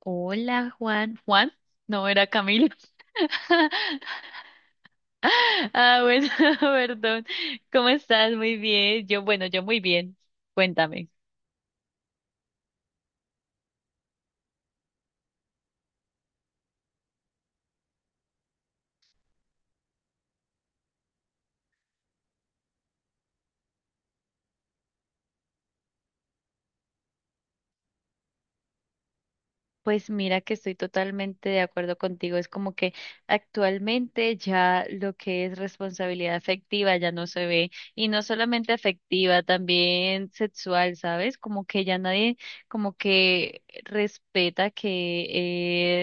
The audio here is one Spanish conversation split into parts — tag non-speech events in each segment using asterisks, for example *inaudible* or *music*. Hola, Juan. Juan, no era Camilo. *laughs* Ah, bueno, *laughs* perdón. ¿Cómo estás? Muy bien. Yo, bueno, yo muy bien. Cuéntame. Pues mira que estoy totalmente de acuerdo contigo. Es como que actualmente ya lo que es responsabilidad afectiva ya no se ve. Y no solamente afectiva, también sexual, ¿sabes? Como que ya nadie como que respeta que,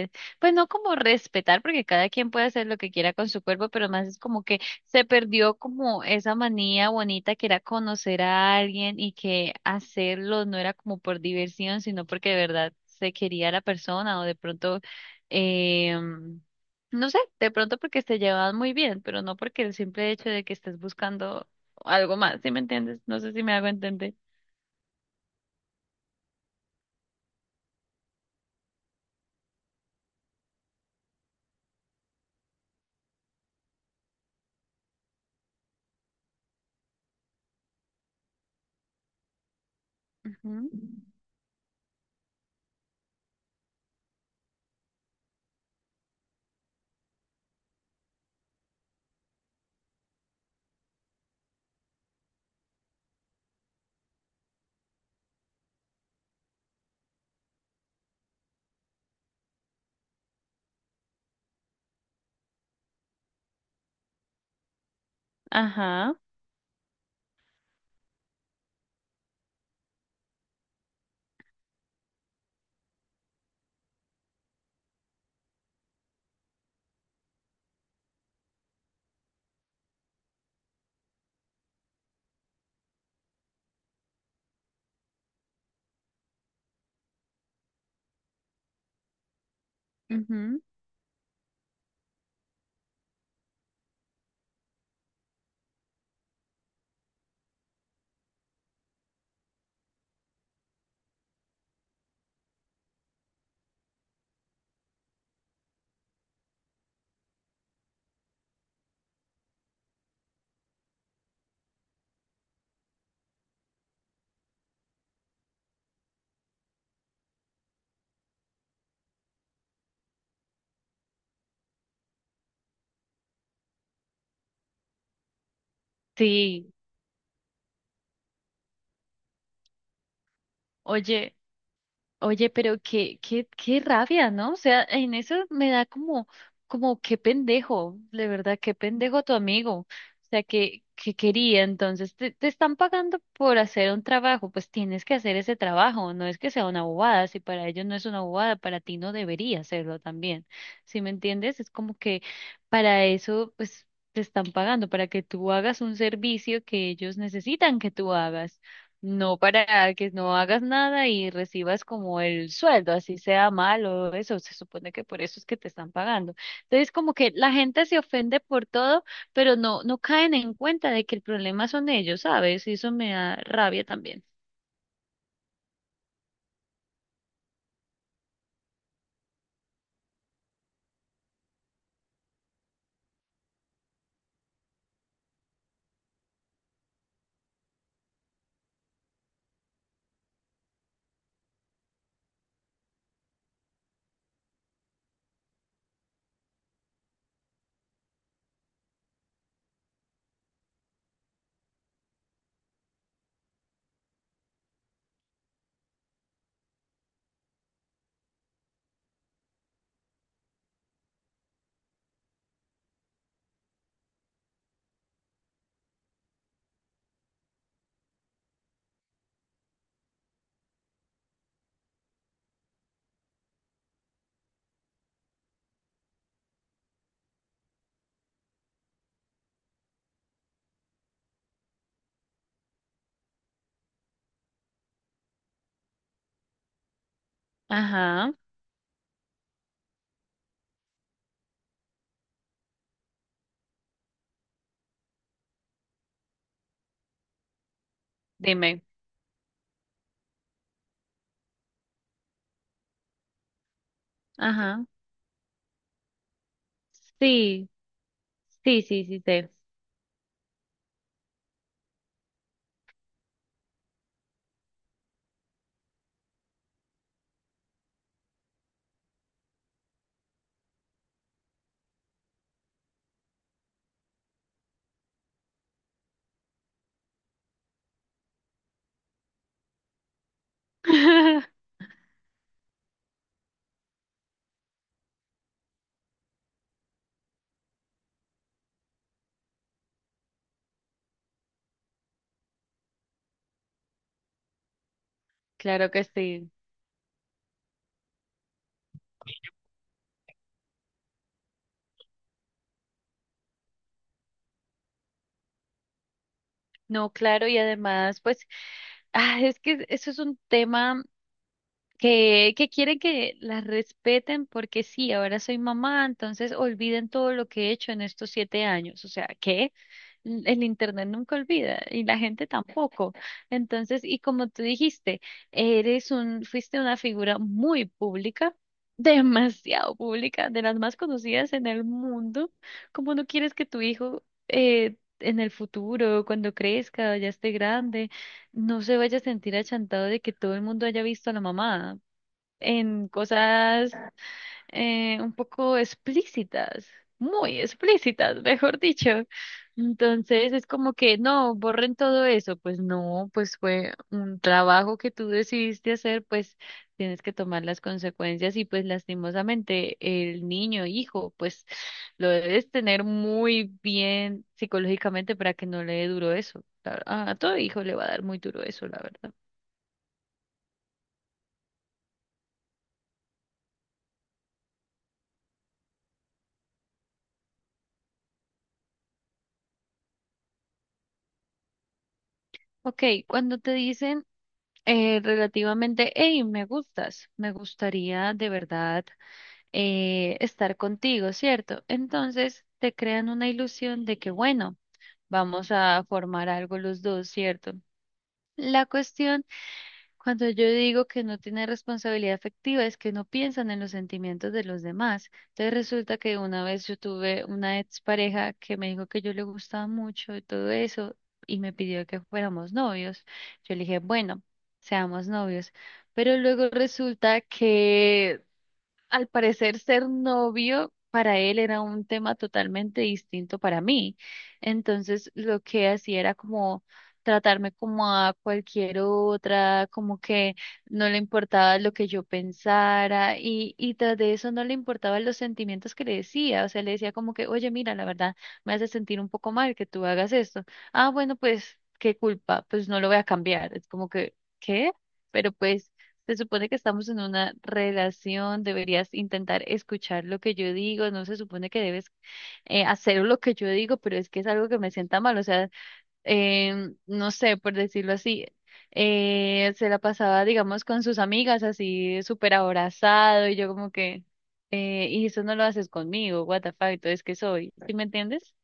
pues no como respetar, porque cada quien puede hacer lo que quiera con su cuerpo, pero más es como que se perdió como esa manía bonita que era conocer a alguien y que hacerlo no era como por diversión, sino porque de verdad se quería a la persona o de pronto, eh, no sé, de pronto porque se llevaban muy bien, pero no porque el simple hecho de que estés buscando algo más. ¿Sí me entiendes? No sé si me hago entender. Ujú. Ajá. Ujú. Sí. Oye. Oye, pero qué rabia, ¿no? O sea, en eso me da como, como qué pendejo, de verdad, qué pendejo tu amigo. O sea, que quería, entonces, te están pagando por hacer un trabajo, pues tienes que hacer ese trabajo, no es que sea una bobada, si para ellos no es una bobada, para ti no debería hacerlo también. ¿Sí me entiendes? Es como que para eso, pues, te están pagando, para que tú hagas un servicio que ellos necesitan que tú hagas. No para que no hagas nada y recibas como el sueldo, así sea malo, eso se supone que por eso es que te están pagando. Entonces, como que la gente se ofende por todo, pero no, no caen en cuenta de que el problema son ellos, ¿sabes? Y eso me da rabia también. Ajá, dime. Ajá. Sí, sí, sí, sí, sé. *laughs* Claro que sí. No, claro, y además, pues, ah, es que eso es un tema. Que quieren que las respeten porque sí, ahora soy mamá, entonces olviden todo lo que he hecho en estos siete años. O sea, que el internet nunca olvida y la gente tampoco. Entonces, y como tú dijiste, eres un, fuiste una figura muy pública. *laughs* Demasiado pública, de las más conocidas en el mundo. ¿Cómo no quieres que tu hijo eh, en el futuro, cuando crezca, ya esté grande, no se vaya a sentir achantado de que todo el mundo haya visto a la mamá, en cosas un poco explícitas, muy explícitas, mejor dicho? Entonces es como que no, borren todo eso. Pues no, pues fue un trabajo que tú decidiste hacer, pues tienes que tomar las consecuencias y pues lastimosamente el niño, hijo, pues lo debes tener muy bien psicológicamente para que no le dé duro eso. La- A a todo hijo le va a dar muy duro eso, la verdad. Ok, cuando te dicen eh, relativamente, hey, me gustas, me gustaría de verdad estar contigo, ¿cierto? Entonces te crean una ilusión de que, bueno, vamos a formar algo los dos, ¿cierto? La cuestión, cuando yo digo que no tiene responsabilidad afectiva, es que no piensan en los sentimientos de los demás. Entonces resulta que una vez yo tuve una expareja que me dijo que yo le gustaba mucho y todo eso, y me pidió que fuéramos novios. Yo le dije, bueno, seamos novios. Pero luego resulta que al parecer ser novio para él era un tema totalmente distinto para mí. Entonces lo que hacía era como tratarme como a cualquier otra, como que no le importaba lo que yo pensara y tras de eso no le importaban los sentimientos que le decía. O sea, le decía como que, oye, mira, la verdad me hace sentir un poco mal que tú hagas esto. Ah, bueno, pues, ¿qué culpa? Pues no lo voy a cambiar. Es como que, ¿qué? Pero pues... Se supone que estamos en una relación, deberías intentar escuchar lo que yo digo, no se supone que debes hacer lo que yo digo, pero es que es algo que me sienta mal, o sea, no sé, por decirlo así, se la pasaba, digamos, con sus amigas así súper abrazado y yo como que, y eso no lo haces conmigo, what the fuck, entonces que soy, ¿sí me entiendes?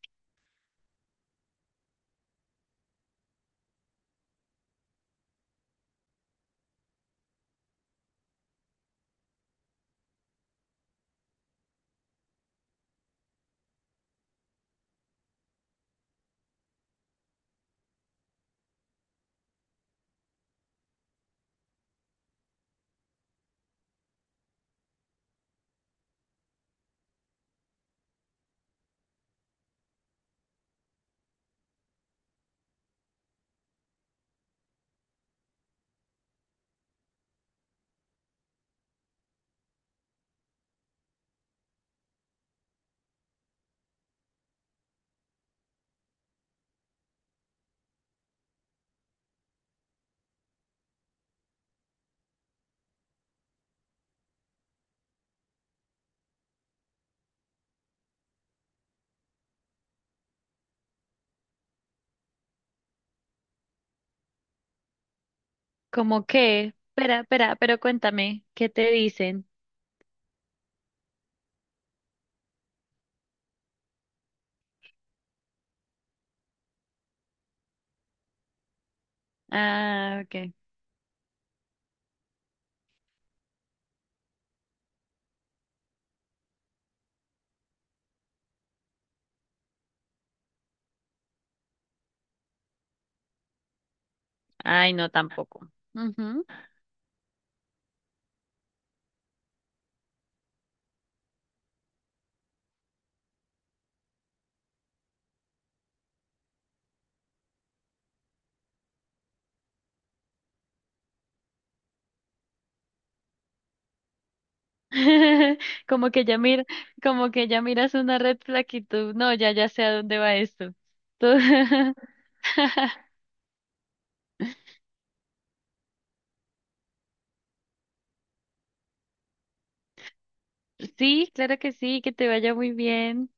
Como que, espera, espera, pero cuéntame, ¿qué te dicen? Ah, ok. Ay, no, tampoco. Ujú. *laughs* Como que ya mira, como que ya miras una red flag y tú, no, ya, ya sé a dónde va esto. Tú- *laughs* Sí, claro que sí, que te vaya muy bien.